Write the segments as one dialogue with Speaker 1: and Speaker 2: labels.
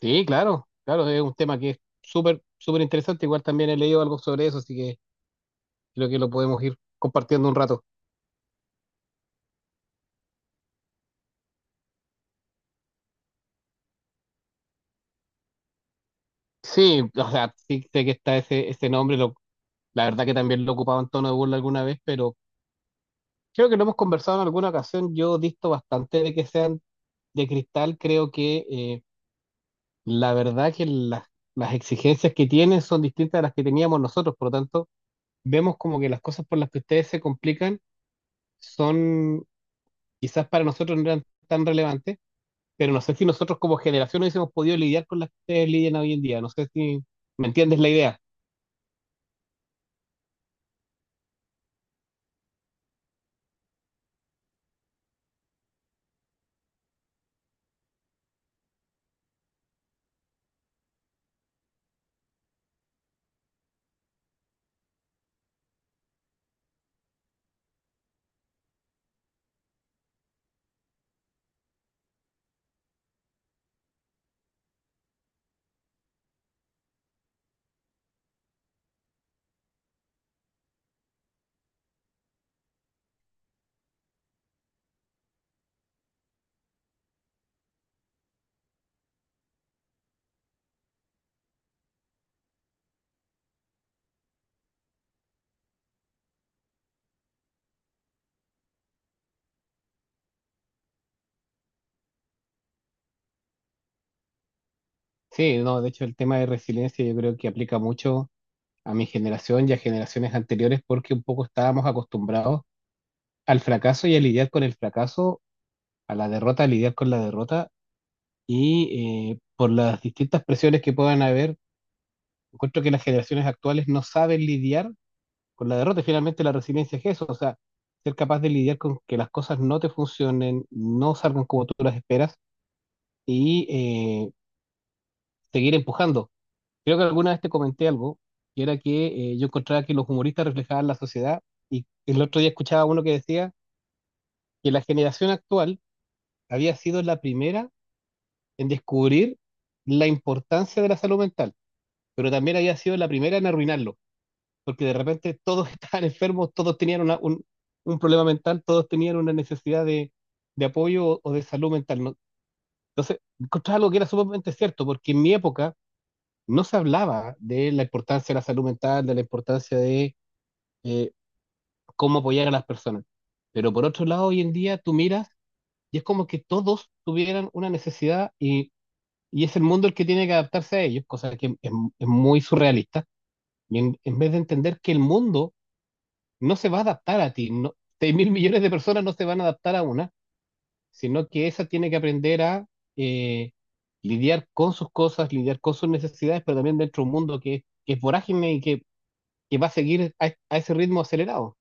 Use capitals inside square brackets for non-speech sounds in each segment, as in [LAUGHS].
Speaker 1: Sí, claro, claro, es un tema que es súper, súper interesante. Igual también he leído algo sobre eso, así que creo que lo podemos ir compartiendo un rato. Sí, o sea, sí sé que está ese nombre, la verdad que también lo ocupaba en tono de burla alguna vez, pero creo que lo hemos conversado en alguna ocasión. Yo disto bastante de que sean de cristal, creo que la verdad que las exigencias que tienen son distintas a las que teníamos nosotros, por lo tanto, vemos como que las cosas por las que ustedes se complican son, quizás para nosotros no eran tan relevantes, pero no sé si nosotros como generación hubiésemos podido lidiar con las que ustedes lidian hoy en día. No sé si me entiendes la idea. Sí, no, de hecho el tema de resiliencia yo creo que aplica mucho a mi generación y a generaciones anteriores porque un poco estábamos acostumbrados al fracaso y a lidiar con el fracaso, a la derrota, a lidiar con la derrota y por las distintas presiones que puedan haber, encuentro que las generaciones actuales no saben lidiar con la derrota. Y finalmente la resiliencia es eso, o sea, ser capaz de lidiar con que las cosas no te funcionen, no salgan como tú las esperas y seguir empujando. Creo que alguna vez te comenté algo, que era que yo encontraba que los humoristas reflejaban la sociedad y el otro día escuchaba uno que decía que la generación actual había sido la primera en descubrir la importancia de la salud mental, pero también había sido la primera en arruinarlo, porque de repente todos [LAUGHS] estaban enfermos, todos tenían un problema mental, todos tenían una necesidad de apoyo o de salud mental, ¿no? Entonces, encontraba algo que era sumamente cierto, porque en mi época, no se hablaba de la importancia de la salud mental, de la importancia de eh, cómo apoyar a las personas. Pero por otro lado, hoy en día tú miras y es como que todos tuvieran una necesidad y es el mundo el que tiene que adaptarse a ellos, cosa que es muy surrealista. Y en vez de entender que el mundo no se va a adaptar a ti, no, 6 mil millones de personas no se van a adaptar a una, sino que esa tiene que aprender a eh, lidiar con sus cosas, lidiar con sus necesidades, pero también dentro de un mundo que es vorágine y que va a seguir a ese ritmo acelerado.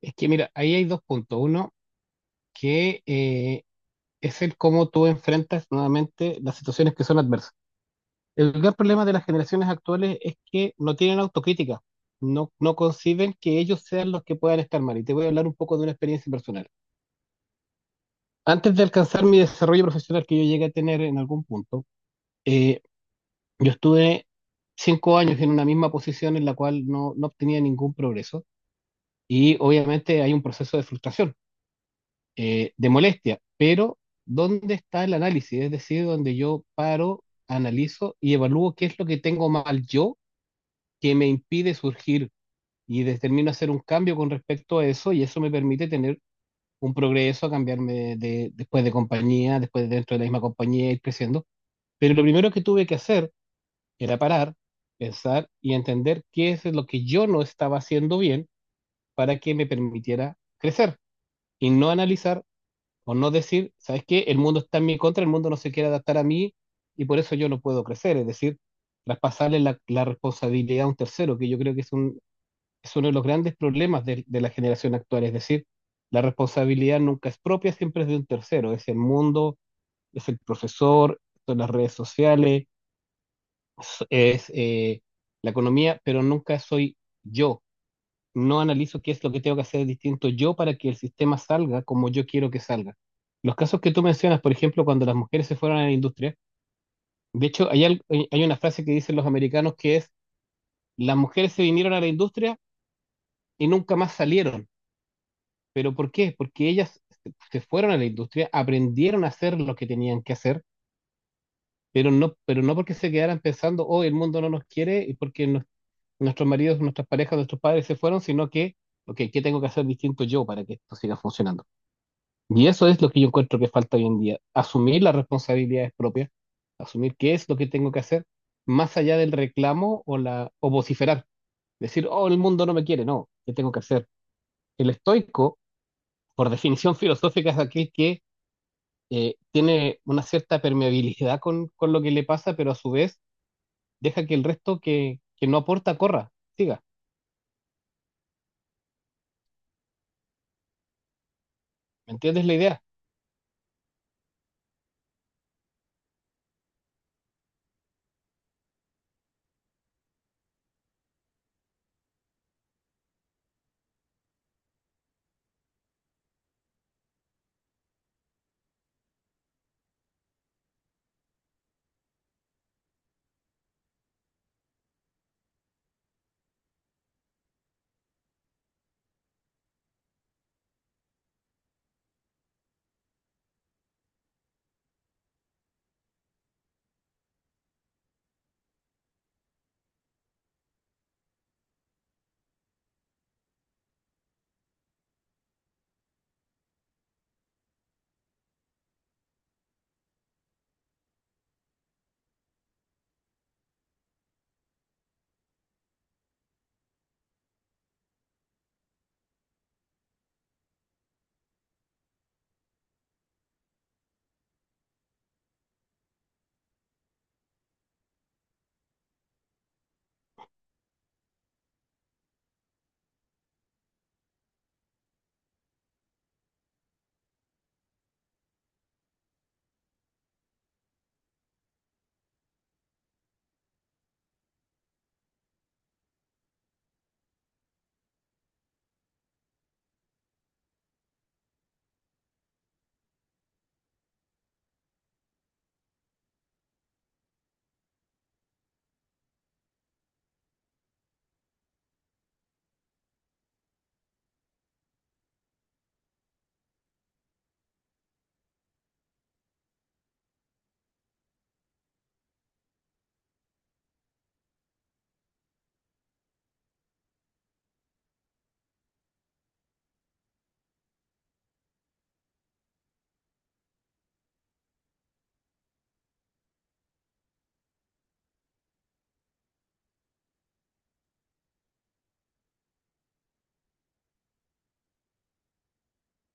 Speaker 1: Es que, mira, ahí hay dos puntos. Uno, que es el cómo tú enfrentas nuevamente las situaciones que son adversas. El gran problema de las generaciones actuales es que no tienen autocrítica, no, no conciben que ellos sean los que puedan estar mal. Y te voy a hablar un poco de una experiencia personal. Antes de alcanzar mi desarrollo profesional que yo llegué a tener en algún punto, eh, yo estuve 5 años en una misma posición en la cual no, no obtenía ningún progreso. Y obviamente hay un proceso de frustración, de molestia, pero ¿dónde está el análisis? Es decir, donde yo paro, analizo y evalúo qué es lo que tengo mal yo que me impide surgir y determino hacer un cambio con respecto a eso y eso me permite tener un progreso, cambiarme después de compañía, después de dentro de la misma compañía, ir creciendo. Pero lo primero que tuve que hacer era parar, pensar y entender qué es lo que yo no estaba haciendo bien para que me permitiera crecer y no analizar. O no decir, ¿sabes qué? El mundo está en mi contra, el mundo no se quiere adaptar a mí y por eso yo no puedo crecer. Es decir, traspasarle la responsabilidad a un tercero, que yo creo que es, un, es uno de los grandes problemas de la generación actual. Es decir, la responsabilidad nunca es propia, siempre es de un tercero. Es el mundo, es el profesor, son las redes sociales, es, es, eh, la economía, pero nunca soy yo. No analizo qué es lo que tengo que hacer distinto yo para que el sistema salga como yo quiero que salga. Los casos que tú mencionas, por ejemplo, cuando las mujeres se fueron a la industria, de hecho, hay, hay una frase que dicen los americanos que es, las mujeres se vinieron a la industria y nunca más salieron. ¿Pero por qué? Porque ellas se fueron a la industria, aprendieron a hacer lo que tenían que hacer, pero no porque se quedaran pensando, oh, el mundo no nos quiere y porque nuestros maridos, nuestras parejas, nuestros padres se fueron, sino que, ok, ¿qué tengo que hacer distinto yo para que esto siga funcionando? Y eso es lo que yo encuentro que falta hoy en día, asumir las responsabilidades propias, asumir qué es lo que tengo que hacer, más allá del reclamo o la o vociferar, decir, oh, el mundo no me quiere, no, ¿qué tengo que hacer? El estoico, por definición [LAUGHS] filosófica, es aquel que tiene una cierta permeabilidad con lo que le pasa, pero a su vez deja que el resto que no aporta corra, siga. ¿Me entiendes la idea?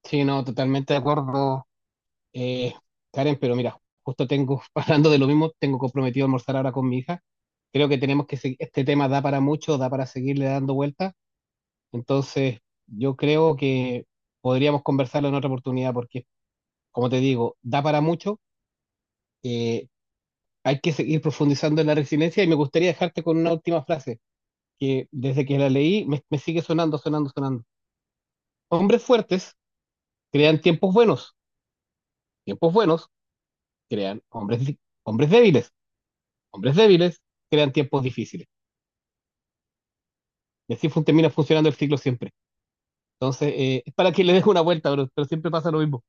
Speaker 1: Sí, no, totalmente de acuerdo. Eh, Karen, pero mira, justo tengo, [LAUGHS] hablando de lo mismo, tengo comprometido a almorzar ahora con mi hija. Creo que tenemos que seguir, este tema da para mucho, da para seguirle dando vueltas. Entonces, yo creo que podríamos conversarlo en otra oportunidad porque, como te digo, da para mucho. eh, Hay que seguir profundizando en la resiliencia y me gustaría dejarte con una última frase que desde que la leí me, me sigue sonando, sonando, sonando. Hombres fuertes crean tiempos buenos crean hombres, hombres débiles. Hombres débiles crean tiempos difíciles. Y así termina funcionando el ciclo siempre. Entonces, es para que le deje una vuelta, bro, pero siempre pasa lo mismo.